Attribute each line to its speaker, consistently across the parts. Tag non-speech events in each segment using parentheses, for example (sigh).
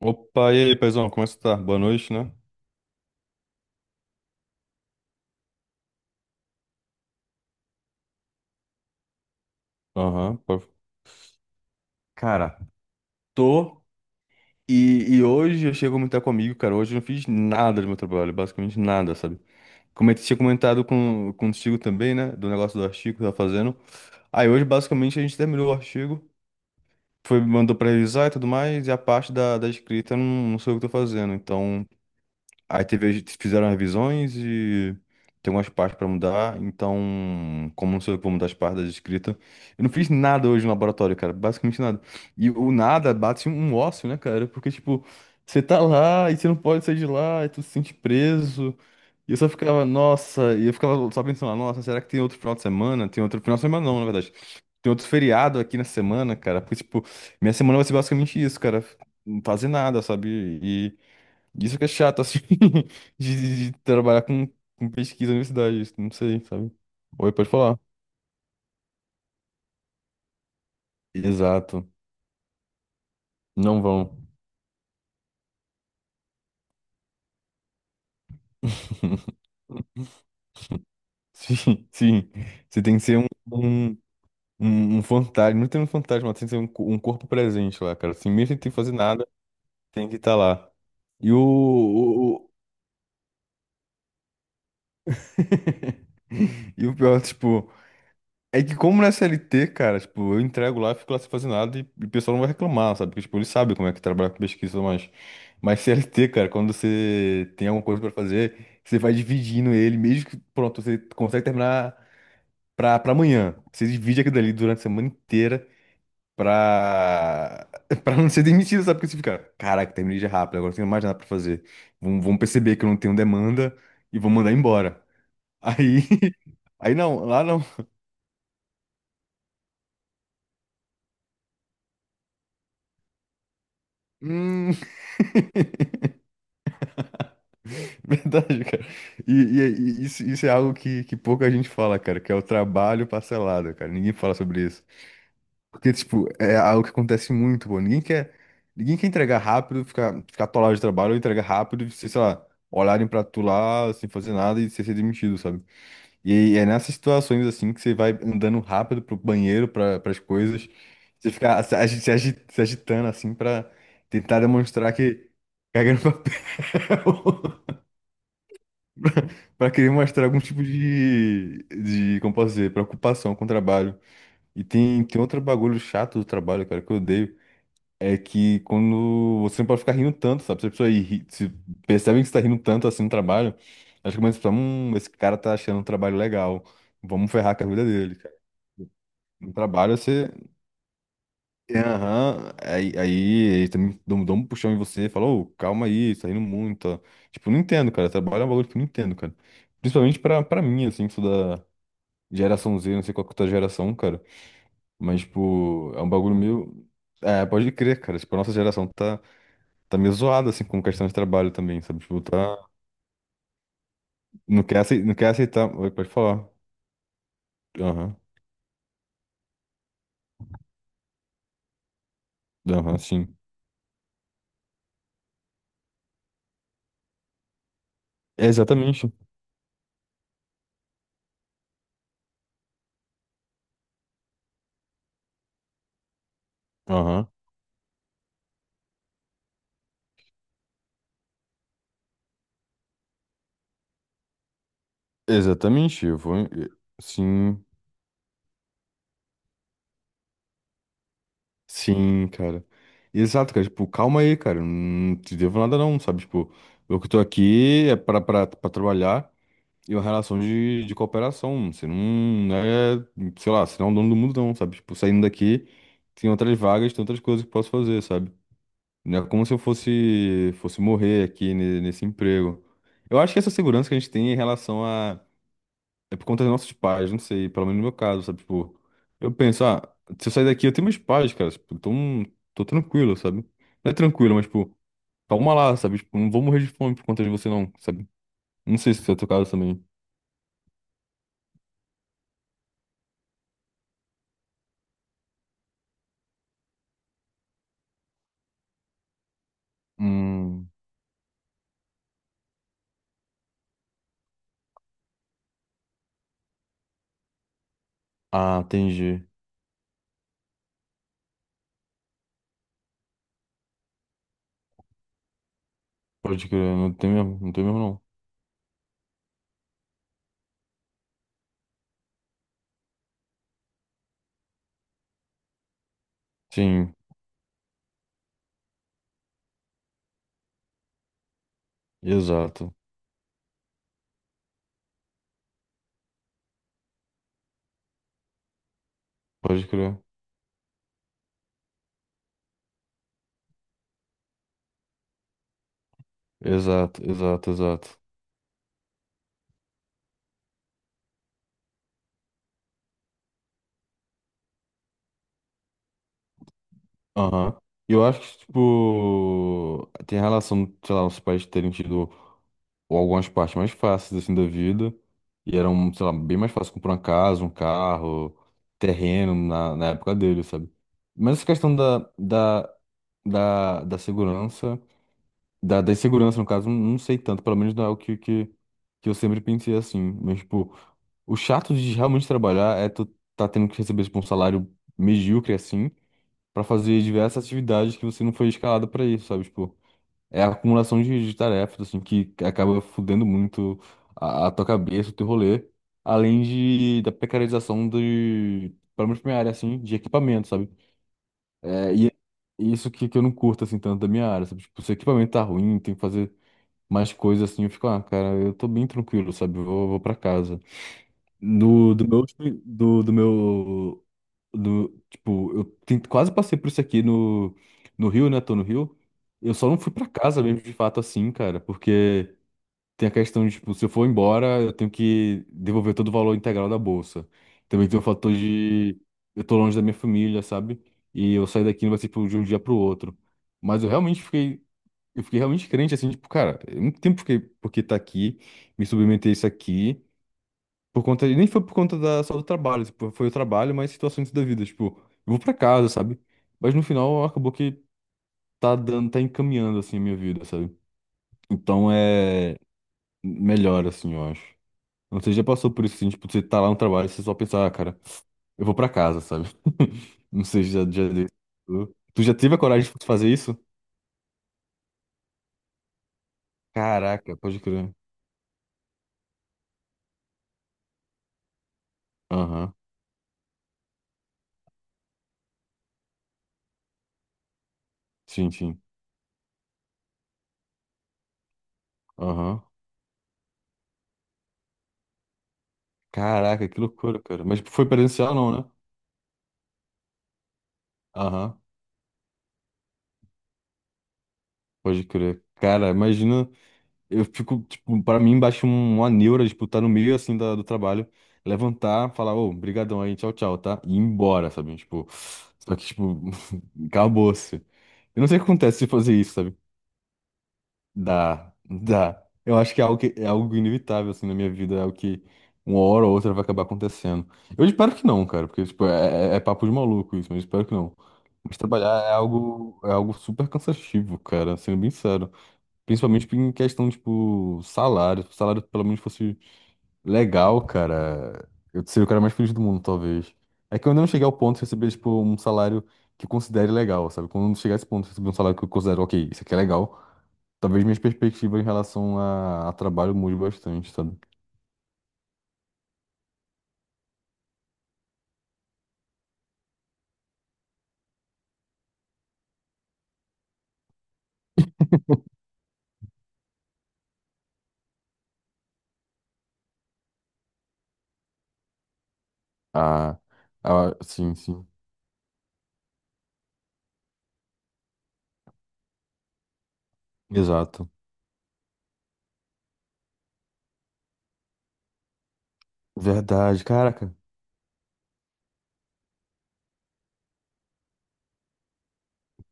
Speaker 1: Opa, e aí, paizão, como é que você tá? Boa noite, né? Aham, pô. Cara, tô. E hoje eu chego a comentar comigo, cara. Hoje eu não fiz nada do meu trabalho, basicamente nada, sabe? Como eu tinha comentado contigo também, né? Do negócio do artigo que eu tava fazendo. Aí hoje, basicamente, a gente terminou o artigo, foi, mandou pra revisar e tudo mais, e a parte da escrita eu não sei o que eu tô fazendo. Então. Aí teve, eles fizeram revisões e tem umas partes pra mudar, então, como não sou eu que vou mudar as partes da escrita, eu não fiz nada hoje no laboratório, cara, basicamente nada. E o nada bate um ócio, né, cara? Porque, tipo, você tá lá e você não pode sair de lá, e tu se sente preso. E eu só ficava, nossa, e eu ficava só pensando, nossa, será que tem outro final de semana? Tem outro final de semana, não, na verdade. Tem outro feriado aqui na semana, cara, porque, tipo, minha semana vai ser basicamente isso, cara, não fazer nada, sabe? Isso que é chato, assim, (laughs) de trabalhar com pesquisa na universidade, isso, não sei, sabe? Oi, pode falar. Exato. Não vão. (laughs) Sim, sim. Você tem que ser um, um fantasma. Não tem um fantasma, tem que ser um corpo presente lá, cara. Assim, mesmo sem ter que fazer nada, tem que estar lá. E o, o- o- (laughs) E o pior, tipo. É que como na CLT, cara, tipo, eu entrego lá, fico lá sem fazer nada e o pessoal não vai reclamar, sabe? Porque, tipo, eles sabem como é que trabalha com pesquisa, mas... Mas CLT, cara, quando você tem alguma coisa pra fazer, você vai dividindo ele, mesmo que, pronto, você consegue terminar pra amanhã. Você divide aquilo dali durante a semana inteira pra... (laughs) pra não ser demitido, sabe? Porque você fica, caraca, terminei já rápido, agora não tenho mais nada pra fazer. Vão perceber que eu não tenho demanda e vão mandar embora. Aí... (laughs) Aí não, lá não. Hum, (laughs) Verdade, cara. E isso é algo que pouca gente fala, cara, que é o trabalho parcelado, cara. Ninguém fala sobre isso. Porque, tipo, é algo que acontece muito, pô. Ninguém quer entregar rápido, ficar atolado de trabalho, ou entregar rápido, e você, sei lá, olharem pra tu lá sem fazer nada e você ser demitido, sabe? E aí é nessas situações, assim, que você vai andando rápido pro banheiro, pras coisas, você fica se agitando, assim, pra tentar demonstrar que cagando papel. (laughs) Para querer mostrar algum tipo de, como posso dizer, preocupação com o trabalho. E tem outro bagulho chato do trabalho, cara, que eu odeio, é que quando você não pode ficar rindo tanto, sabe? Se a pessoa ri, se percebem que você tá rindo tanto assim no trabalho, acho que começa a pensar, esse cara tá achando um trabalho legal, vamos ferrar com a vida dele, cara. No trabalho você. É, aham, aí eles também dão um puxão em você e falam, ô, calma aí, você tá rindo muito, ó. Tipo, não entendo, cara. Trabalho é um bagulho que eu não entendo, cara. Principalmente pra mim, assim, que sou da Geração Z, não sei qual que é a tua geração, cara. Mas, tipo, é um bagulho meio. É, pode crer, cara. Tipo, a nossa geração tá meio zoada, assim, com questão de trabalho também, sabe? Tipo, tá. Não quer aceitar. Não quer aceitar. Oi, pode falar. Aham. Aham, sim. É exatamente. Aham. Exatamente. Eu vou. Sim. Sim, cara. Exato, cara. Tipo, calma aí, cara. Não te devo nada, não, sabe? Tipo, eu que tô aqui é pra trabalhar. E uma relação de cooperação. Você não é, sei lá, você não é o dono do mundo, não, sabe? Tipo, saindo daqui, tem outras vagas, tem outras coisas que posso fazer, sabe? Não é como se eu fosse morrer aqui nesse emprego. Eu acho que essa segurança que a gente tem em relação a. É por conta dos nossos pais, não sei, pelo menos no meu caso, sabe? Tipo, eu penso, ah, se eu sair daqui, eu tenho meus pais, cara. Tipo, então, tô tranquilo, sabe? Não é tranquilo, mas, tipo, calma lá, sabe? Tipo, não vou morrer de fome por conta de você, não, sabe? Não sei se é o teu caso também. Hum. Ah, entendi. Pode crer, não tem mesmo, não tem mesmo não. Sim, exato. Pode crer. Exato, exato, exato. Aham. Eu acho que, tipo, tem relação, sei lá, os pais terem tido algumas partes mais fáceis, assim, da vida. E eram, sei lá, bem mais fácil comprar uma casa, um carro, terreno na época dele, sabe? Mas essa questão da segurança. Da insegurança, no caso, não sei tanto, pelo menos não é o que eu sempre pensei assim. Mas, tipo, o chato de realmente trabalhar é tu tá tendo que receber, tipo, um salário medíocre, assim, pra fazer diversas atividades que você não foi escalado pra isso, sabe? Tipo, é a acumulação de tarefas, assim, que acaba fudendo muito a tua cabeça, o teu rolê, além da precarização de, pelo menos pra minha área, assim, de equipamento, sabe? É, e isso que eu não curto, assim, tanto da minha área, sabe? Tipo, se o equipamento tá ruim, tem que fazer mais coisas assim, eu fico, ah, cara, eu tô bem tranquilo, sabe? Eu vou pra casa. Do, do meu, último- do, do meu, do, tipo, eu quase passei por isso aqui no Rio, né? Tô no Rio. Eu só não fui pra casa mesmo, de fato, assim, cara, porque tem a questão de, tipo, se eu for embora, eu tenho que devolver todo o valor integral da bolsa. Também tem o fator de eu tô longe da minha família, sabe? E eu sair daqui não vai ser tipo, de um dia pro outro. Mas eu realmente fiquei. Eu fiquei realmente crente, assim, tipo, cara, eu não tem por que tá aqui, me submeter a isso aqui, por conta, nem foi por conta da, só do trabalho, tipo, foi o trabalho, mas situações da vida, tipo, eu vou pra casa, sabe? Mas no final acabou que tá dando, tá encaminhando, assim, a minha vida, sabe? Então é melhor, assim, eu acho. Não sei, já passou por isso, assim, tipo, você tá lá no trabalho, você só pensa, ah, cara, eu vou pra casa, sabe? (laughs) Não sei, já deu. Tu já teve a coragem de fazer isso? Caraca, pode crer. Aham, sim. Aham. Caraca, que loucura, cara. Mas foi presencial, não, né? Aham, pode crer. Cara, imagina, eu fico, tipo, pra mim, baixa um, uma neura, tipo, tá no meio, assim, do trabalho, levantar, falar, ô, brigadão aí, tchau, tchau, tá? E ir embora, sabe? Tipo, só que, tipo, (laughs) acabou-se. Eu não sei o que acontece se fazer isso, sabe? Dá, dá. Eu acho que, é algo inevitável, assim, na minha vida, é algo que uma hora ou outra vai acabar acontecendo. Eu espero que não, cara, porque, tipo, é papo de maluco isso, mas eu espero que não. Mas trabalhar é algo super cansativo, cara, sendo bem sério. Principalmente em questão, tipo, salário. Se o salário pelo menos fosse legal, cara, eu seria o cara mais feliz do mundo, talvez. É que eu ainda não cheguei ao ponto de receber, tipo, um salário que eu considere legal, sabe? Quando eu chegar a esse ponto de receber um salário que eu considero, ok, isso aqui é legal, talvez minhas perspectivas em relação a trabalho mude bastante, sabe? A, sim, sim. Exato. Verdade, caraca.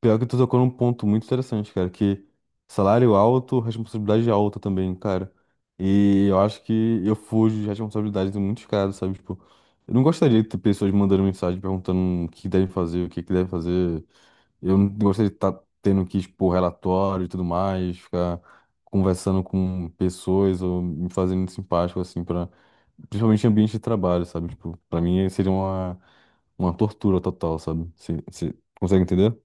Speaker 1: Pior que tu tocou num ponto muito interessante, cara, que salário alto, responsabilidade alta também, cara. E eu acho que eu fujo de responsabilidades em muitos casos, sabe? Tipo, eu não gostaria de ter pessoas mandando mensagem perguntando o que devem fazer, o que que devem fazer. Eu não gostaria de estar tendo que expor relatório e tudo mais, ficar conversando com pessoas ou me fazendo simpático, assim, pra, principalmente em ambiente de trabalho, sabe? Tipo, pra mim seria uma tortura total, sabe? Você consegue entender?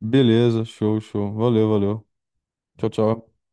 Speaker 1: Beleza, show, show. Valeu, valeu. Tchau, tchau.